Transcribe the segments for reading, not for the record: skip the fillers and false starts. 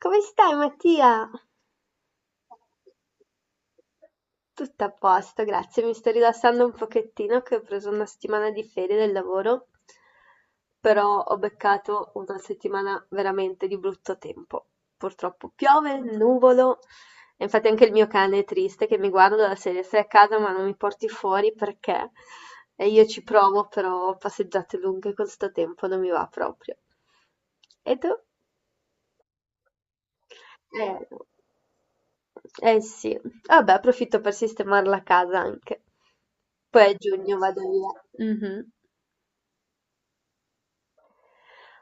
Come stai, Mattia? Tutto a posto, grazie. Mi sto rilassando un pochettino che ho preso una settimana di ferie del lavoro, però ho beccato una settimana veramente di brutto tempo. Purtroppo piove, nuvolo, e infatti anche il mio cane è triste che mi guarda dalla serie, stai a casa ma non mi porti fuori perché? E io ci provo, però passeggiate lunghe con sto tempo non mi va proprio. E tu? Eh. Eh sì, vabbè, approfitto per sistemare la casa anche. Poi a giugno vado via. Mh-mh.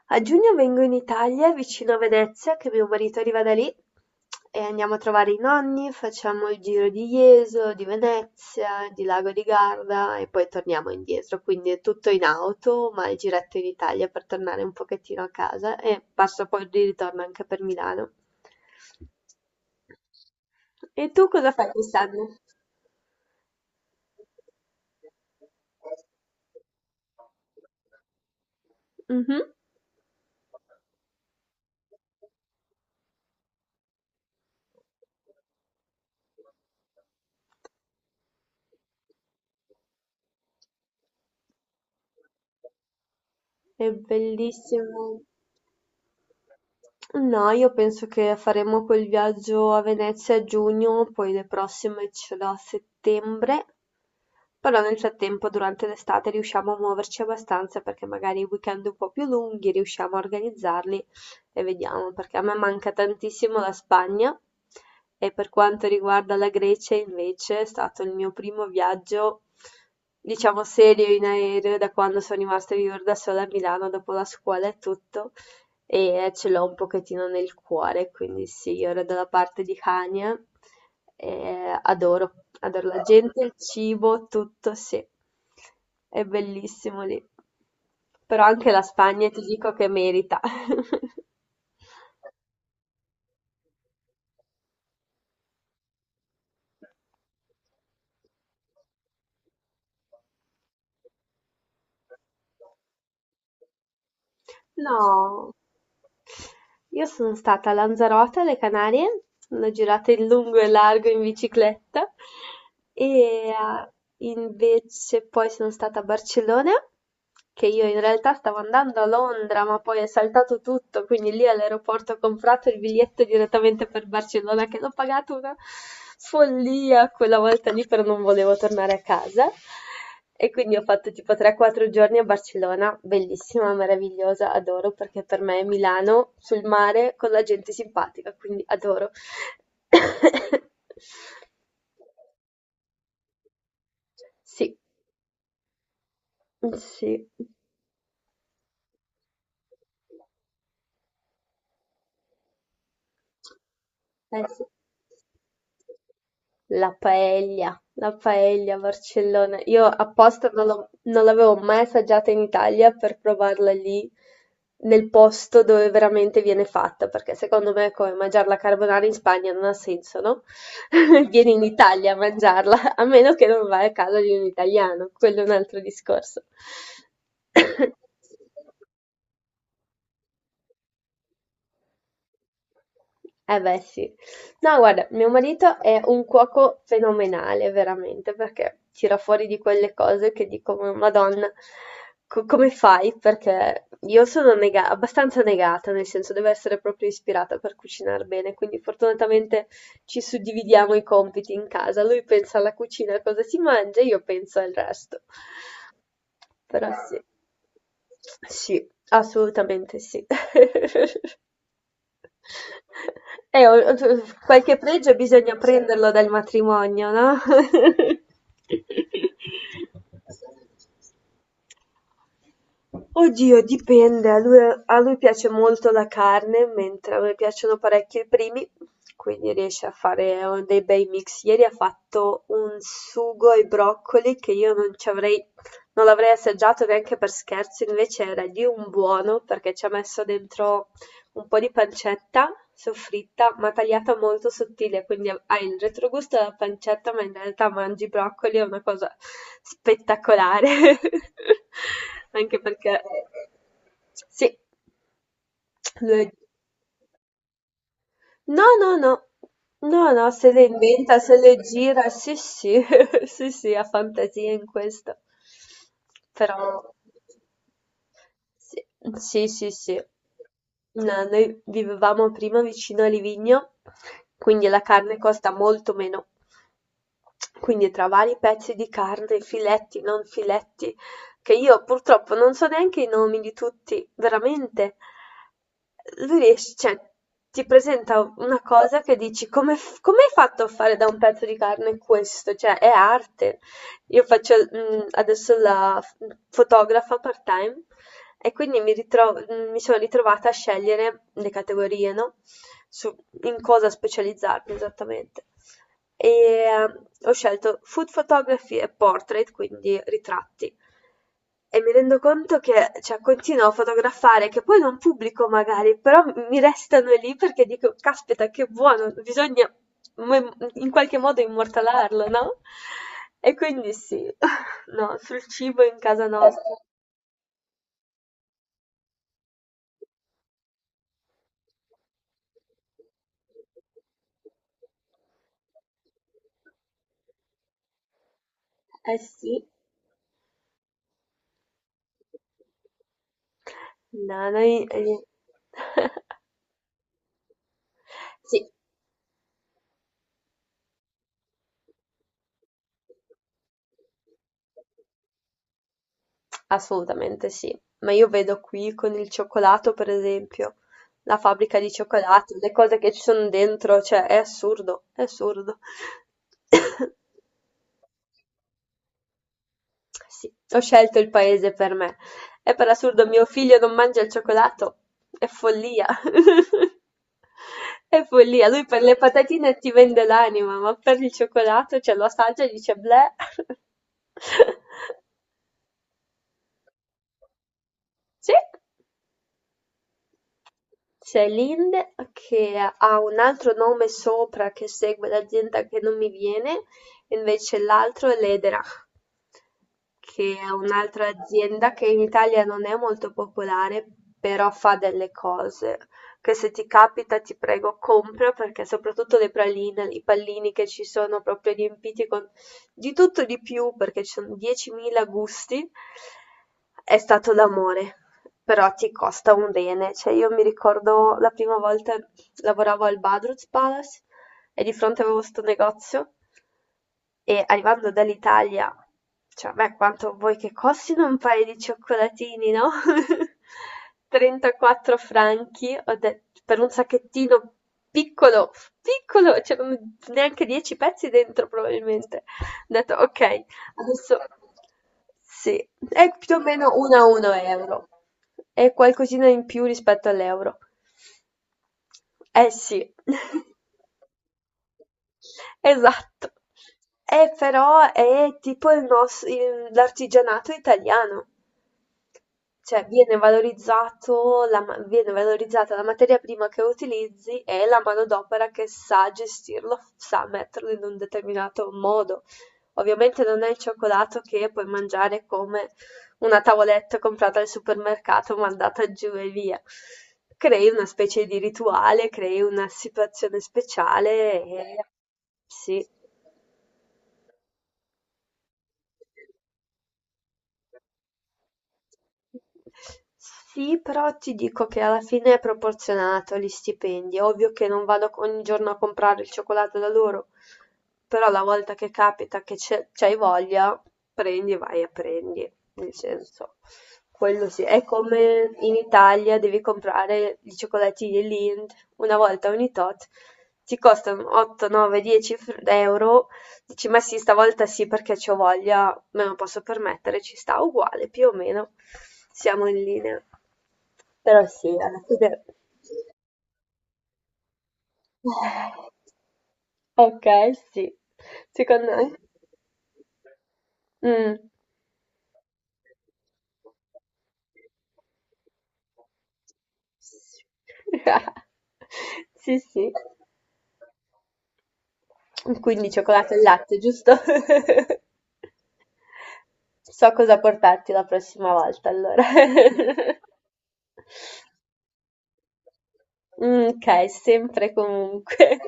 A giugno vengo in Italia, vicino a Venezia, che mio marito arriva da lì e andiamo a trovare i nonni, facciamo il giro di Jeso, di Venezia, di Lago di Garda e poi torniamo indietro. Quindi è tutto in auto, ma il giretto in Italia per tornare un pochettino a casa e passo poi di ritorno anche per Milano. E tu cosa fai quest'anno? Mhm. È bellissimo. No, io penso che faremo quel viaggio a Venezia a giugno, poi le prossime ce l'ho a settembre, però nel frattempo durante l'estate riusciamo a muoverci abbastanza perché magari i weekend un po' più lunghi riusciamo a organizzarli e vediamo, perché a me manca tantissimo la Spagna e per quanto riguarda la Grecia invece è stato il mio primo viaggio, diciamo serio in aereo da quando sono rimasta a vivere da sola a Milano dopo la scuola e tutto e ce l'ho un pochettino nel cuore, quindi sì, io ero dalla parte di Hania e adoro, adoro la gente, il cibo, tutto, sì, è bellissimo lì. Però anche la Spagna ti dico che merita. No, io sono stata a Lanzarote, alle Canarie, l'ho girata in lungo e largo in bicicletta e invece poi sono stata a Barcellona, che io in realtà stavo andando a Londra, ma poi è saltato tutto, quindi lì all'aeroporto ho comprato il biglietto direttamente per Barcellona, che l'ho pagato una follia quella volta lì, però non volevo tornare a casa. E quindi ho fatto tipo 3-4 giorni a Barcellona, bellissima, meravigliosa, adoro perché per me è Milano sul mare con la gente simpatica, quindi adoro. Sì, sì, eh sì. La paella a Barcellona. Io apposta non l'avevo mai assaggiata in Italia per provarla lì, nel posto dove veramente viene fatta, perché secondo me è come mangiare la carbonara in Spagna non ha senso, no? Vieni in Italia a mangiarla, a meno che non vai a casa di un italiano, quello è un altro discorso. Eh beh, sì. No, guarda, mio marito è un cuoco fenomenale, veramente, perché tira fuori di quelle cose che dico, "Ma Madonna, come fai? Perché io sono abbastanza negata, nel senso devo essere proprio ispirata per cucinare bene, quindi fortunatamente ci suddividiamo i compiti in casa. Lui pensa alla cucina, a cosa si mangia, io penso al resto. Però sì, sì, assolutamente sì. Qualche pregio bisogna prenderlo dal matrimonio, no? Oddio, dipende. A lui piace molto la carne, mentre a me piacciono parecchio i primi, quindi riesce a fare oh, dei bei mix. Ieri ha fatto un sugo ai broccoli che io non ci avrei, non l'avrei assaggiato neanche per scherzo, invece era lì un buono perché ci ha messo dentro un po' di pancetta, soffritta, ma tagliata molto sottile, quindi ha hai il retrogusto della pancetta, ma in realtà mangi broccoli, è una cosa spettacolare. Anche perché sì, lo è. No, no, no. No, no, se le inventa, se le gira, sì, sì, sì, sì, ha fantasia in questo. Però, sì, sì, sì. Sì. No, noi vivevamo prima vicino a Livigno, quindi la carne costa molto meno. Quindi tra vari pezzi di carne, filetti, non filetti, che io purtroppo non so neanche i nomi di tutti, veramente. Lui riesce, cioè, ti presenta una cosa che dici come, come hai fatto a fare da un pezzo di carne questo? Cioè, è arte. Io faccio adesso la fotografa part-time e quindi mi sono ritrovata a scegliere le categorie, no? Su in cosa specializzarmi esattamente. Ho scelto food photography e portrait, quindi ritratti. E mi rendo conto che, cioè, continuo a fotografare, che poi non pubblico magari, però mi restano lì perché dico, caspita, che buono, bisogna in qualche modo immortalarlo, no? E quindi sì, no, sul cibo in casa nostra. Eh sì, no, noi... eh. Sì. Assolutamente sì, ma io vedo qui con il cioccolato, per esempio, la fabbrica di cioccolato, le cose che ci sono dentro, cioè è assurdo, è assurdo. Sì, ho scelto il paese per me. E per assurdo mio figlio non mangia il cioccolato, è follia. È follia, lui per le patatine ti vende l'anima, ma per il cioccolato, cioè lo assaggia e dice bleh. Sì. C'è Lind che ha un altro nome sopra che segue l'azienda che non mi viene, invece l'altro è l'Ederach, che è un'altra azienda che in Italia non è molto popolare, però fa delle cose che se ti capita ti prego compra perché soprattutto le praline, i pallini che ci sono proprio riempiti con di tutto e di più, perché ci sono 10.000 gusti, è stato l'amore, però ti costa un bene. Cioè, io mi ricordo la prima volta lavoravo al Badruz Palace e di fronte avevo sto negozio e arrivando dall'Italia, cioè, beh, quanto vuoi che costino un paio di cioccolatini, no? 34 franchi, ho detto, per un sacchettino piccolo, piccolo, c'erano neanche 10 pezzi dentro probabilmente. Ho detto ok, adesso sì, è più o meno 1 a 1 euro, è qualcosina in più rispetto all'euro. Eh sì, esatto. Però è tipo l'artigianato italiano. Cioè viene valorizzata la materia prima che utilizzi e la manodopera che sa gestirlo, sa metterlo in un determinato modo. Ovviamente non è il cioccolato che puoi mangiare come una tavoletta comprata al supermercato, mandata giù e via. Crei una specie di rituale, crei una situazione speciale e sì. Sì, però ti dico che alla fine è proporzionato gli stipendi. È ovvio che non vado ogni giorno a comprare il cioccolato da loro, però la volta che capita che c'hai voglia, prendi, vai e prendi. Nel senso, quello sì. È come in Italia devi comprare i cioccolatini Lind una volta ogni tot. Ti costano 8, 9, 10 euro. Dici, ma sì, stavolta sì perché c'ho voglia, me lo posso permettere, ci sta uguale, più o meno siamo in linea. Però sì, alla fine... eh. Ok, sì. Secondo me? Mm. Sì, sì. Quindi cioccolato e latte, giusto? So cosa portarti la prossima volta, allora. Mm, ok, sempre comunque.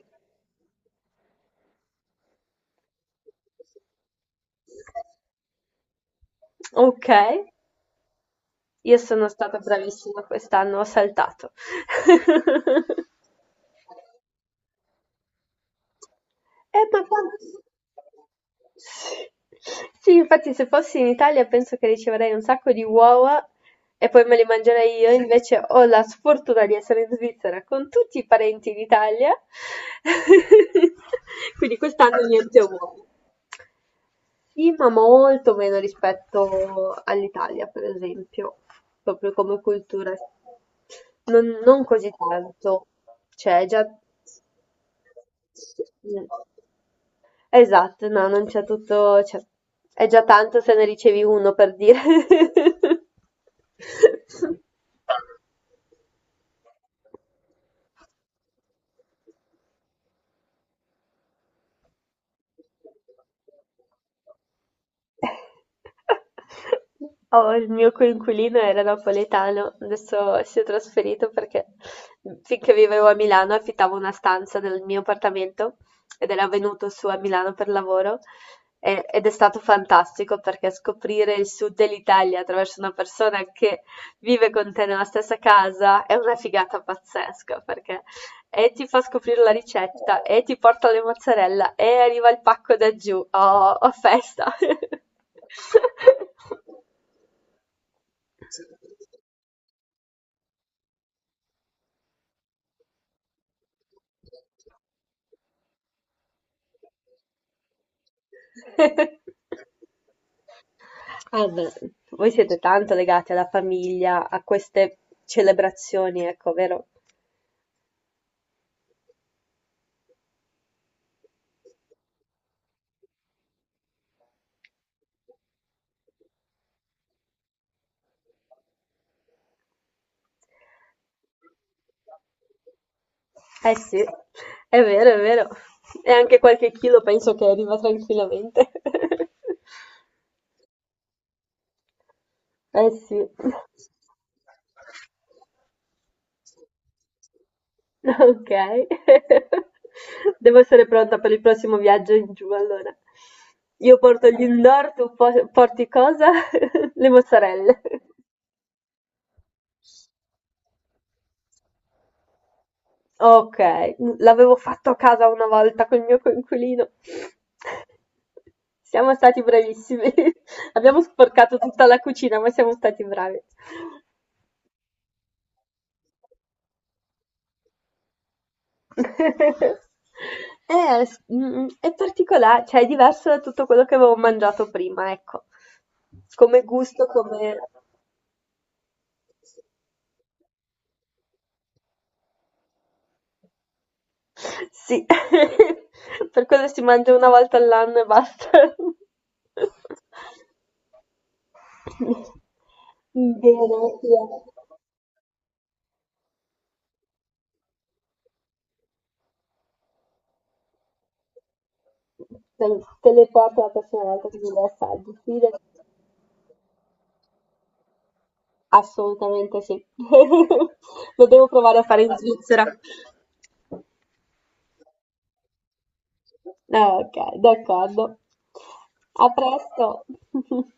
Ok. Io sono stata bravissima quest'anno, ho saltato. Ma tanto- Sì. Sì, infatti se fossi in Italia penso che riceverei un sacco di uova e poi me le mangerei io, invece ho la sfortuna di essere in Svizzera con tutti i parenti in Italia, quindi quest'anno niente uova. Sì, ma molto meno rispetto all'Italia, per esempio, proprio come cultura. Non, non così tanto. C'è già... Mm. Esatto, no, non c'è tutto... cioè, è già tanto se ne ricevi uno, per dire. Ho il mio coinquilino era napoletano, adesso si è trasferito perché finché vivevo a Milano affittavo una stanza del mio appartamento ed era venuto su a Milano per lavoro ed è stato fantastico perché scoprire il sud dell'Italia attraverso una persona che vive con te nella stessa casa è una figata pazzesca perché e ti fa scoprire la ricetta, e ti porta le mozzarella, e arriva il pacco da giù. Oh, oh, festa! Ah, beh, voi siete tanto legati alla famiglia, a queste celebrazioni, ecco, vero? Eh sì, è vero, è vero. E anche qualche chilo penso che arriva tranquillamente. Eh sì. Ok, devo essere pronta per il prossimo viaggio in giù allora. Io porto gli indoor, tu porti cosa? Le mozzarelle. Ok, l'avevo fatto a casa una volta col mio coinquilino. Siamo stati bravissimi. Abbiamo sporcato tutta la cucina, ma siamo stati bravi. È particolare, cioè è diverso da tutto quello che avevo mangiato prima, ecco. Come gusto, come... Sì, per quello si mangia una volta all'anno e basta. Bene, sì, eh. te, te le porto la prossima volta che mi le assaggi. Sì, assolutamente sì. Lo devo provare a fare in Svizzera. Ah, ok, d'accordo. A presto.